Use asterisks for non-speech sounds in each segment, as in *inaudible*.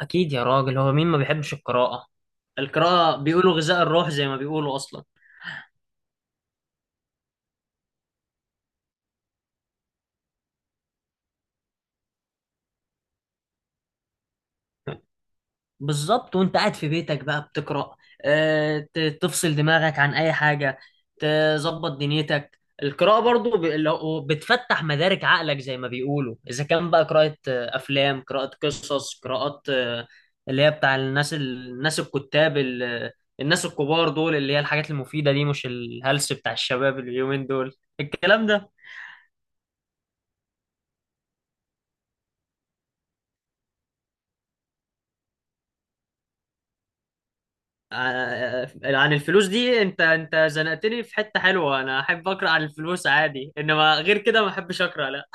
أكيد يا راجل، هو مين ما بيحبش القراءة؟ القراءة بيقولوا غذاء الروح زي ما بيقولوا أصلا. بالظبط، وأنت قاعد في بيتك بقى بتقرأ. تفصل دماغك عن أي حاجة، تظبط دنيتك. القراءة برضو بتفتح مدارك عقلك زي ما بيقولوا، إذا كان بقى قراءة أفلام، قراءة قصص، قراءات. اللي هي بتاع الناس الكتاب، الناس الكبار دول، اللي هي الحاجات المفيدة دي، مش الهلس بتاع الشباب اليومين دول، الكلام ده. آه، آه، عن الفلوس دي، انت زنقتني في حتة حلوة. انا احب اقرا عن الفلوس عادي، انما غير كده ما احبش اقرا، لا.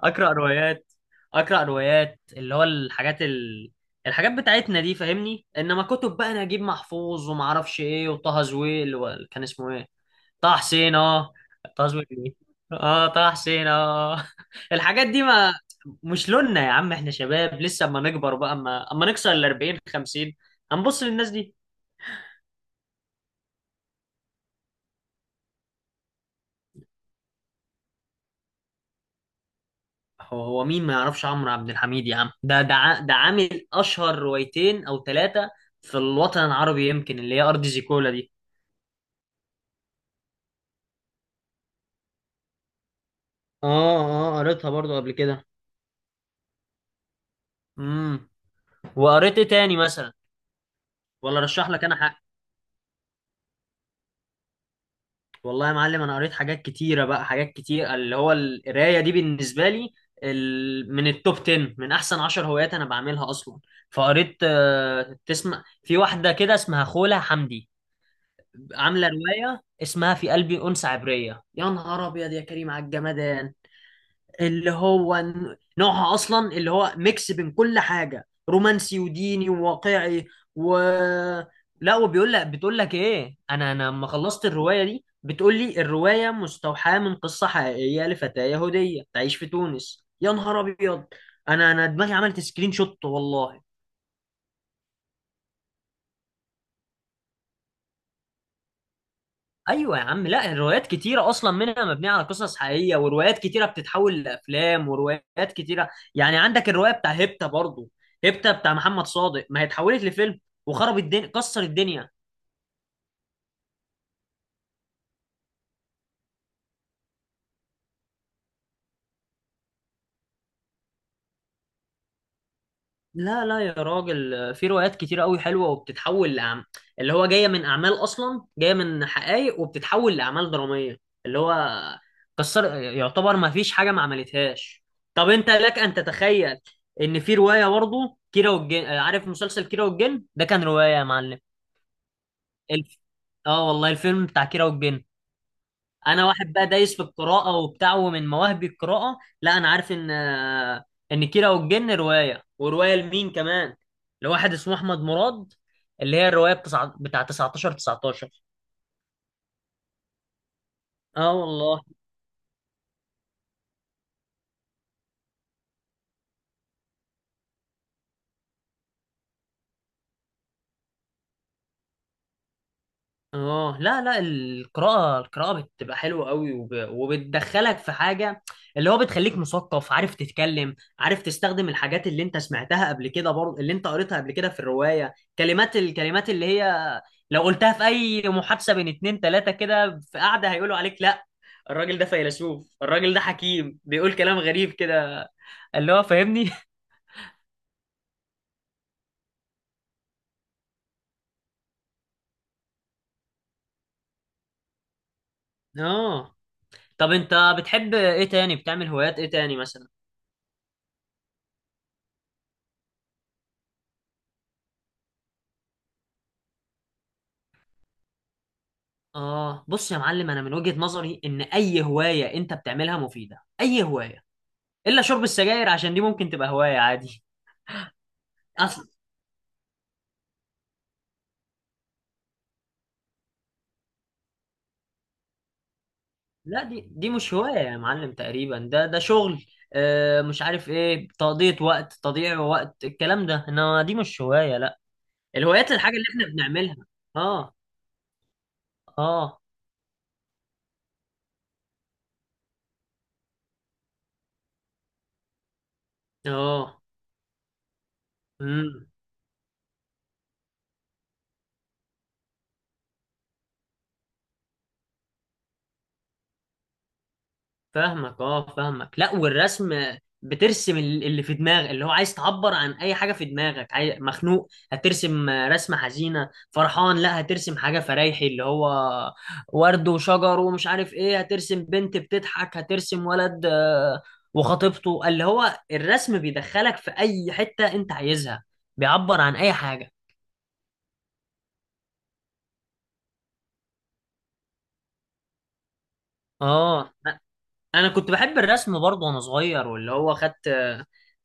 اقرا روايات، اقرا روايات، اللي هو الحاجات بتاعتنا دي، فاهمني، انما كتب بقى نجيب محفوظ وما اعرفش ايه وطه زويل كان اسمه ايه؟ طه حسين، اه. طه زويل ايه، اه طه حسين اه. *laughs* الحاجات دي ما مش لوننا يا عم، احنا شباب لسه. اما نكبر بقى، اما نكسر ال 40 50، هنبص للناس دي. هو مين ما يعرفش عمرو عبد الحميد يا عم؟ ده عامل اشهر روايتين او ثلاثه في الوطن العربي، يمكن اللي هي ارض زيكولا دي. اه، اه قريتها برضو قبل كده. امم وقريت ايه تاني مثلا؟ ولا رشح لك انا حاجه؟ والله يا معلم انا قريت حاجات كتيره بقى، حاجات كتير. اللي هو القرايه دي بالنسبه لي من التوب 10، من احسن 10 هوايات انا بعملها اصلا. فقريت، تسمع في واحده كده اسمها خوله حمدي؟ عامله روايه اسمها في قلبي انثى عبريه، يا نهار ابيض يا كريم على الجمدان. اللي هو نوعها اصلا اللي هو ميكس بين كل حاجه، رومانسي وديني وواقعي و لا، وبيقول لك بتقول لك ايه، انا لما خلصت الروايه دي بتقول لي الروايه مستوحاه من قصه حقيقيه لفتاه يهوديه تعيش في تونس. يا نهار ابيض، انا دماغي عملت سكرين شوت والله. ايوه يا عم، لا، الروايات كتيره اصلا منها مبنيه على قصص حقيقيه، وروايات كتيره بتتحول لافلام، وروايات كتيره. يعني عندك الروايه بتاع هيبتا برضو، هيبتا بتاع محمد صادق، ما هي اتحولت لفيلم وخرب الدنيا، كسر الدنيا. لا لا يا راجل، في روايات كتير قوي حلوه وبتتحول اللي هو جايه من اعمال، اصلا جايه من حقائق وبتتحول لاعمال دراميه. اللي هو كسر يعتبر ما فيش حاجه ما عملتهاش. طب انت لك ان تتخيل ان في روايه برضه كيرة والجن، عارف مسلسل كيرة والجن ده كان روايه يا معلم؟ الف... اه والله، الفيلم بتاع كيرة والجن. انا واحد بقى دايس في القراءه وبتاع، ومن مواهبي القراءه، لا انا عارف ان، ان كيرة والجن روايه. وروايه لمين كمان؟ لواحد اسمه احمد مراد. اللي هي الروايه بتاع 19 19. اه والله. اه، لا لا، القراءة، القراءة بتبقى حلوة قوي، وبتدخلك في حاجة اللي هو بتخليك مثقف، عارف تتكلم، عارف تستخدم الحاجات اللي انت سمعتها قبل كده برضه، اللي انت قريتها قبل كده في الرواية، كلمات، الكلمات اللي هي لو قلتها في اي محادثة بين اتنين تلاتة كده في قعدة، هيقولوا عليك لا، الراجل ده فيلسوف، الراجل ده حكيم، بيقول كلام غريب كده، اللي هو فاهمني. *laughs* اه، طب انت بتحب ايه تاني؟ بتعمل هوايات ايه تاني مثلا؟ اه، بص يا معلم، انا من وجهة نظري ان اي هواية انت بتعملها مفيدة، اي هواية، الا شرب السجاير، عشان دي ممكن تبقى هواية عادي. اصل، لا، دي مش هواية يا معلم، تقريبا ده شغل. مش عارف ايه، تقضية وقت، تضييع وقت، الكلام ده، انما دي مش هواية، لا. الهوايات الحاجة اللي احنا بنعملها. اه، اه، اه. مم. فاهمك، اه فاهمك، لا، والرسم، بترسم اللي في دماغك، اللي هو عايز تعبر عن اي حاجه في دماغك. مخنوق، هترسم رسمه حزينه. فرحان، لا، هترسم حاجه فرايحي اللي هو ورد وشجر ومش عارف ايه. هترسم بنت بتضحك، هترسم ولد وخطيبته. اللي هو الرسم بيدخلك في اي حته انت عايزها، بيعبر عن اي حاجه. اه، انا كنت بحب الرسم برضه وانا صغير، واللي هو خدت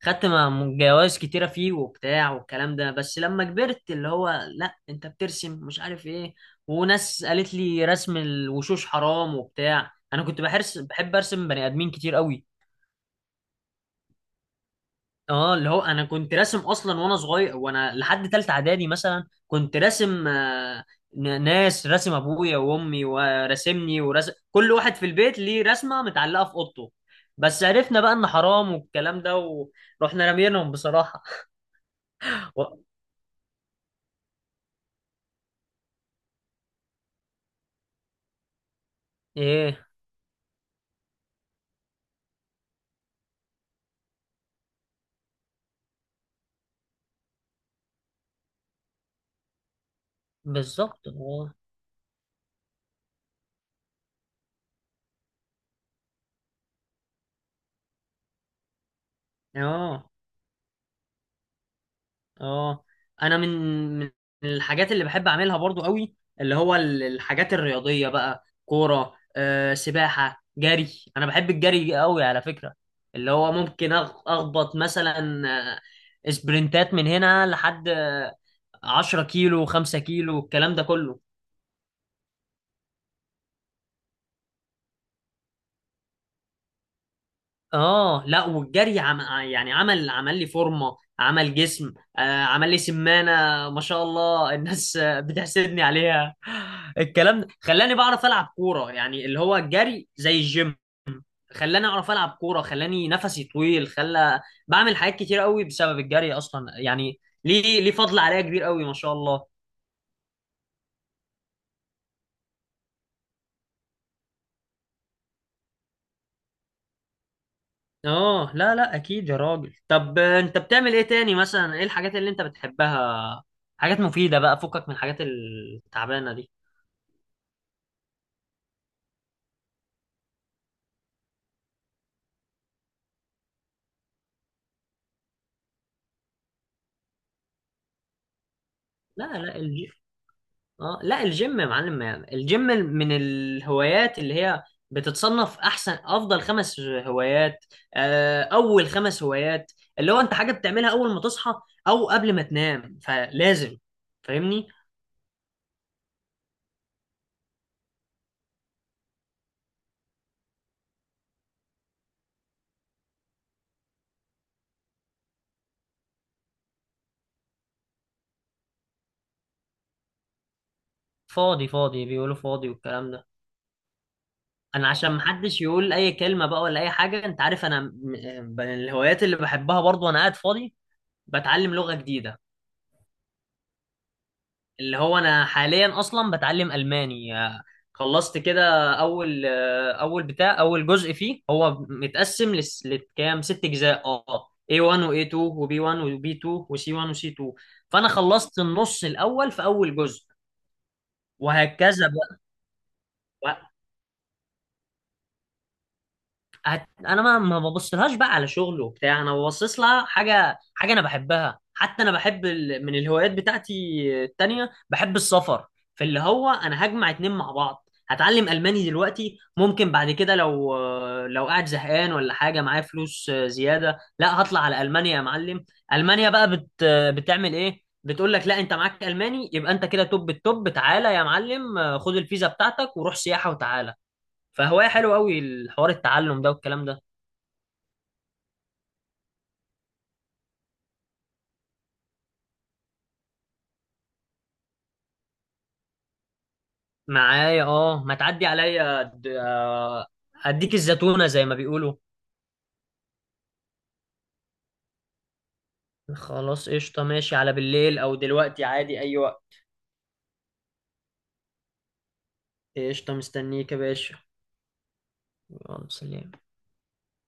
خدت م- جوائز كتيره فيه وبتاع والكلام ده. بس لما كبرت، اللي هو لا انت بترسم مش عارف ايه، وناس قالت لي رسم الوشوش حرام وبتاع، انا كنت بحرس بحب ارسم بني ادمين كتير قوي. اه، اللي هو انا كنت راسم اصلا وانا صغير، وانا لحد تالتة اعدادي مثلا كنت راسم، ناس، راسم ابويا وامي وراسمني، وراسم كل واحد في البيت ليه رسمة متعلقة في اوضته. بس عرفنا بقى ان حرام والكلام ده، ورحنا رامينهم بصراحة. و... ايه بالظبط. اه، اه، اه، انا من من الحاجات اللي بحب اعملها برضو قوي اللي هو الحاجات الرياضيه بقى، كوره، سباحه، جري. انا بحب الجري قوي على فكره، اللي هو ممكن اخبط مثلا سبرنتات من هنا لحد، 10 كيلو، 5 كيلو، الكلام ده كله. اه، لا، والجري يعني عمل، عمل لي فورمه، عمل جسم، عمل لي سمانه ما شاء الله، *laughs* الناس بتحسدني عليها. الكلام ده خلاني بعرف العب كوره يعني، اللي هو الجري زي الجيم، خلاني اعرف العب كوره، خلاني نفسي طويل، خلى بعمل حاجات كتير قوي بسبب الجري اصلا يعني، ليه فضل عليا كبير قوي ما شاء الله. اه، لا لا اكيد يا راجل. طب انت بتعمل ايه تاني مثلا؟ ايه الحاجات اللي انت بتحبها، حاجات مفيدة بقى فكك من الحاجات التعبانة دي. لا لا، الجيم. اه، لا الجيم يا معلم، يعني الجيم من الهوايات اللي هي بتتصنف احسن افضل خمس هوايات، اول خمس هوايات، اللي هو انت حاجه بتعملها اول ما تصحى او قبل ما تنام، فلازم، فاهمني. فاضي فاضي بيقولوا، فاضي والكلام ده. انا عشان محدش يقول اي كلمه بقى ولا اي حاجه، انت عارف انا من الهوايات اللي بحبها برضو وانا قاعد فاضي، بتعلم لغه جديده. اللي هو انا حاليا اصلا بتعلم الماني، خلصت كده اول، اول بتاع اول جزء فيه. هو متقسم لكام ست اجزاء، اه A1 و A2 وB1 وB2 وC1 وC2. فانا خلصت النص الاول في اول جزء، وهكذا بقى. انا ما ببصلهاش بقى على شغل وبتاع، انا ببصص لها حاجه، حاجه انا بحبها. حتى انا بحب من الهوايات بتاعتي التانية بحب السفر في، اللي هو انا هجمع اتنين مع بعض، هتعلم الماني دلوقتي، ممكن بعد كده لو قاعد زهقان ولا حاجه معايا فلوس زياده، لا هطلع على المانيا يا معلم. المانيا بقى بتعمل ايه، بتقول لك لا انت معاك الماني يبقى انت كده توب التوب، تعالى يا معلم، خد الفيزا بتاعتك وروح سياحه وتعالى. فهواية حلو قوي الحوار، التعلم ده والكلام ده. معايا، اه، ما تعدي عليا اديك الزتونة زي ما بيقولوا. خلاص قشطة، ماشي، على بالليل او دلوقتي عادي، اي وقت. قشطة، مستنيك يا باشا. يلا سلام.